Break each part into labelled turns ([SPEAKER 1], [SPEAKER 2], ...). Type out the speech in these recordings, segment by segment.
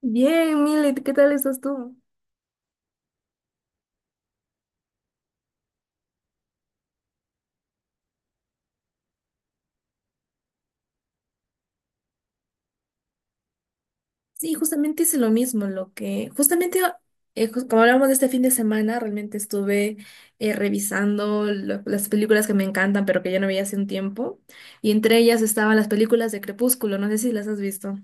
[SPEAKER 1] Bien, Milet, ¿qué tal estás tú? Sí, justamente hice lo mismo, lo que, justamente, como hablamos de este fin de semana, realmente estuve revisando las películas que me encantan, pero que ya no veía hace un tiempo, y entre ellas estaban las películas de Crepúsculo, no sé si las has visto.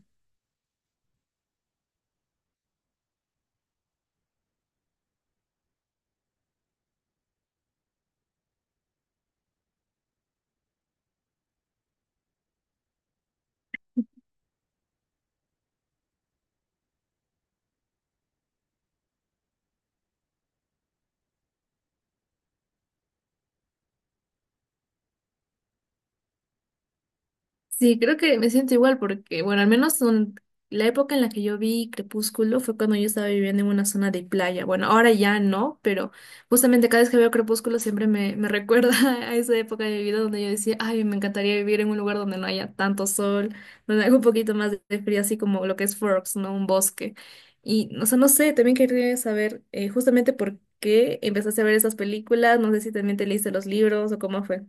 [SPEAKER 1] Sí, creo que me siento igual porque, bueno, la época en la que yo vi Crepúsculo fue cuando yo estaba viviendo en una zona de playa. Bueno, ahora ya no, pero justamente cada vez que veo Crepúsculo siempre me recuerda a esa época de mi vida donde yo decía, ay, me encantaría vivir en un lugar donde no haya tanto sol, donde haga un poquito más de frío, así como lo que es Forks, ¿no? Un bosque. Y, o sea, no sé, también quería saber justamente por qué empezaste a ver esas películas, no sé si también te leíste los libros o cómo fue.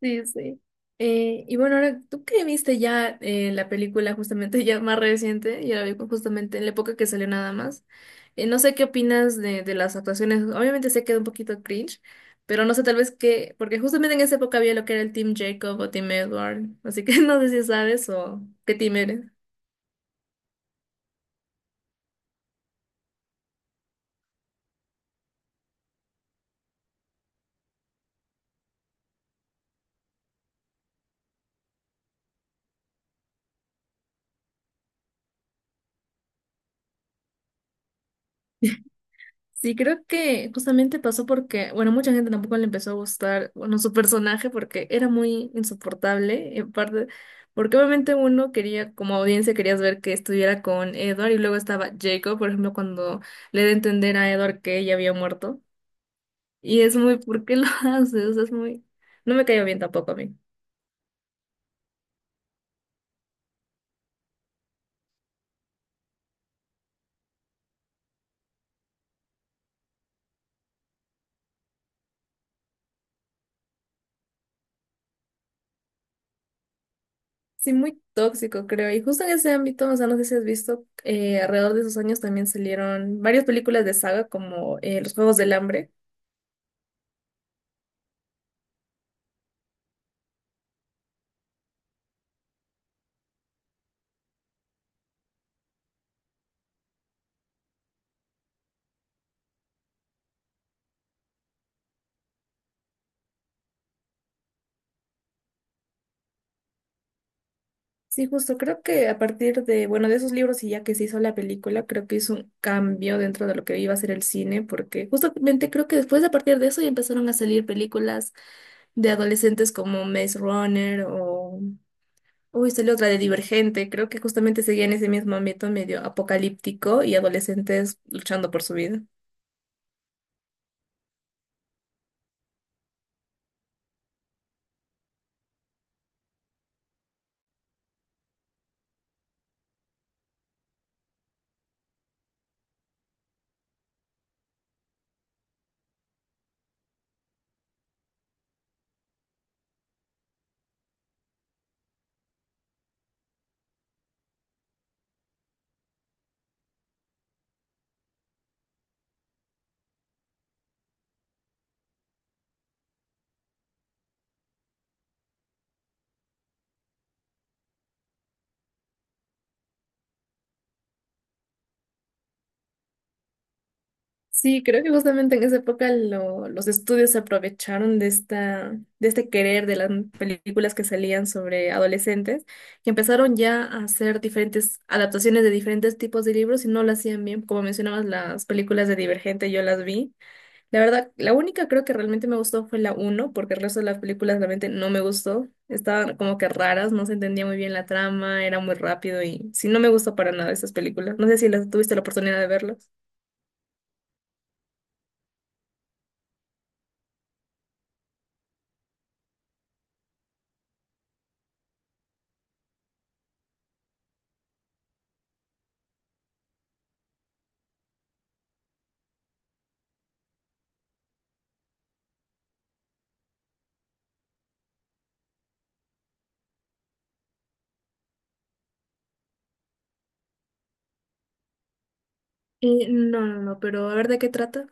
[SPEAKER 1] Sí, sí. Y bueno, ahora, ¿tú qué viste ya la película justamente ya más reciente? Ya la vi justamente en la época que salió nada más. No sé qué opinas de las actuaciones. Obviamente se queda un poquito cringe, pero no sé tal vez qué, porque justamente en esa época había lo que era el Team Jacob o Team Edward. Así que no sé si sabes o qué team eres. Sí, creo que justamente pasó porque, bueno, mucha gente tampoco le empezó a gustar, bueno, su personaje porque era muy insoportable, en parte, porque obviamente uno quería, como audiencia, querías ver que estuviera con Edward y luego estaba Jacob, por ejemplo, cuando le da a entender a Edward que ella había muerto. Y es muy, ¿por qué lo haces? O sea, es muy, no me cayó bien tampoco a mí. Sí, muy tóxico, creo. Y justo en ese ámbito, o sea, no sé si has visto, alrededor de esos años también salieron varias películas de saga como Los Juegos del Hambre. Sí, justo, creo que a partir de, bueno, de esos libros y ya que se hizo la película, creo que hizo un cambio dentro de lo que iba a ser el cine, porque justamente creo que después a partir de eso ya empezaron a salir películas de adolescentes como Maze Runner o, uy, salió otra de Divergente, creo que justamente seguía en ese mismo ámbito medio apocalíptico y adolescentes luchando por su vida. Sí, creo que justamente en esa época los estudios se aprovecharon de esta, de este querer de las películas que salían sobre adolescentes, que empezaron ya a hacer diferentes adaptaciones de diferentes tipos de libros y no lo hacían bien. Como mencionabas, las películas de Divergente yo las vi. La verdad, la única creo que realmente me gustó fue la uno porque el resto de las películas realmente no me gustó. Estaban como que raras, no se entendía muy bien la trama, era muy rápido y sí, no me gustó para nada esas películas. No sé si las tuviste la oportunidad de verlas. Eh, no, pero a ver de qué trata.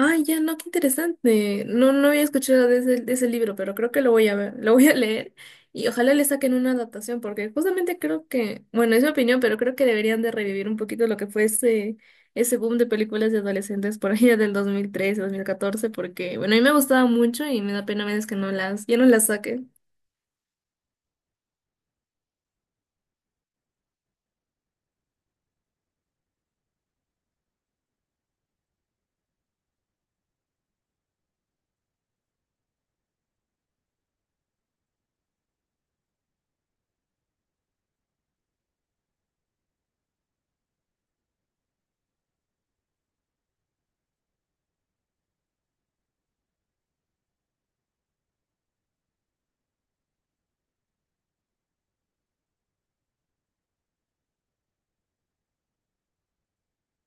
[SPEAKER 1] Ay, ya, no, qué interesante. No, no había escuchado de ese libro, pero creo que lo voy a ver, lo voy a leer y ojalá le saquen una adaptación, porque justamente creo que, bueno, es mi opinión, pero creo que deberían de revivir un poquito lo que fue ese, ese boom de películas de adolescentes por allá del 2013, 2014, porque, bueno, a mí me gustaba mucho y me da pena a veces que no las, ya no las saquen.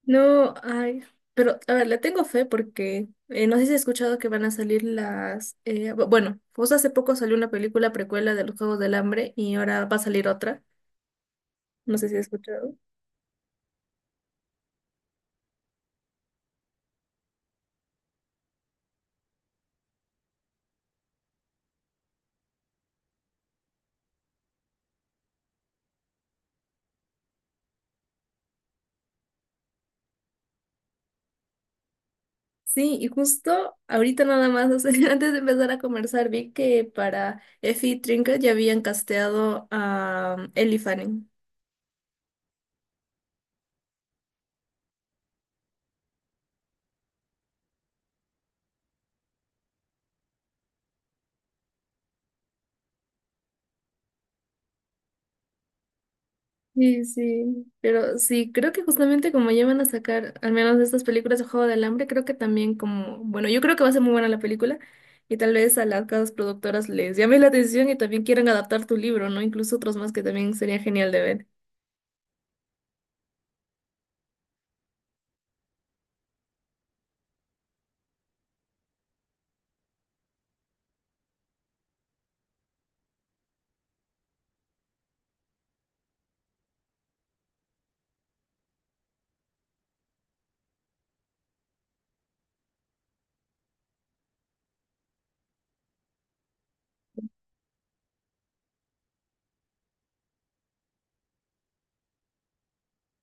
[SPEAKER 1] No, ay, pero a ver, le tengo fe porque no sé si has escuchado que van a salir las... bueno, pues hace poco salió una película precuela de los Juegos del Hambre y ahora va a salir otra. No sé si has escuchado. Sí, y justo ahorita nada más, o sea, antes de empezar a conversar, vi que para Effie Trinket ya habían casteado a Ellie Fanning. Sí, sí, pero sí, creo que justamente como ya van a sacar al menos de estas películas de Juego del Hambre, creo que también como, bueno, yo creo que va a ser muy buena la película y tal vez a las casas productoras les llame la atención y también quieran adaptar tu libro, ¿no? Incluso otros más que también sería genial de ver.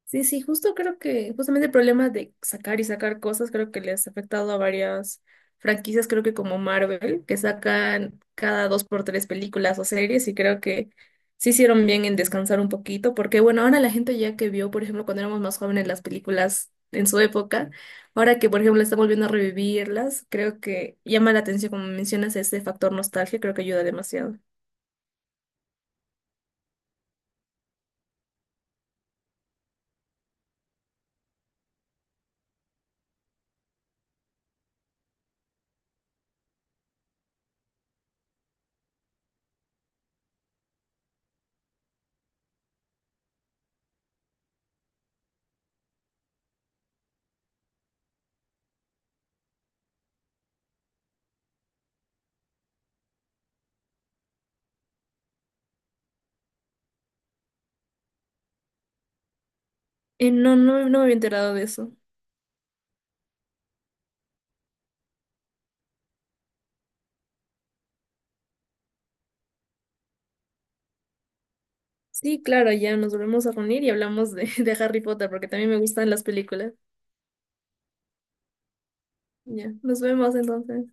[SPEAKER 1] Sí, sí, justo creo que justamente el problema de sacar y sacar cosas creo que les ha afectado a varias franquicias, creo que como Marvel, que sacan cada dos por tres películas o series y creo que sí hicieron bien en descansar un poquito, porque bueno, ahora la gente ya que vio, por ejemplo, cuando éramos más jóvenes las películas en su época, ahora que por ejemplo están volviendo a revivirlas, creo que llama la atención, como mencionas, ese factor nostalgia, creo que ayuda demasiado. Eh, no, me había enterado de eso. Sí, claro, ya nos volvemos a reunir y hablamos de, de Harry Potter porque también me gustan las películas. Ya, nos vemos entonces.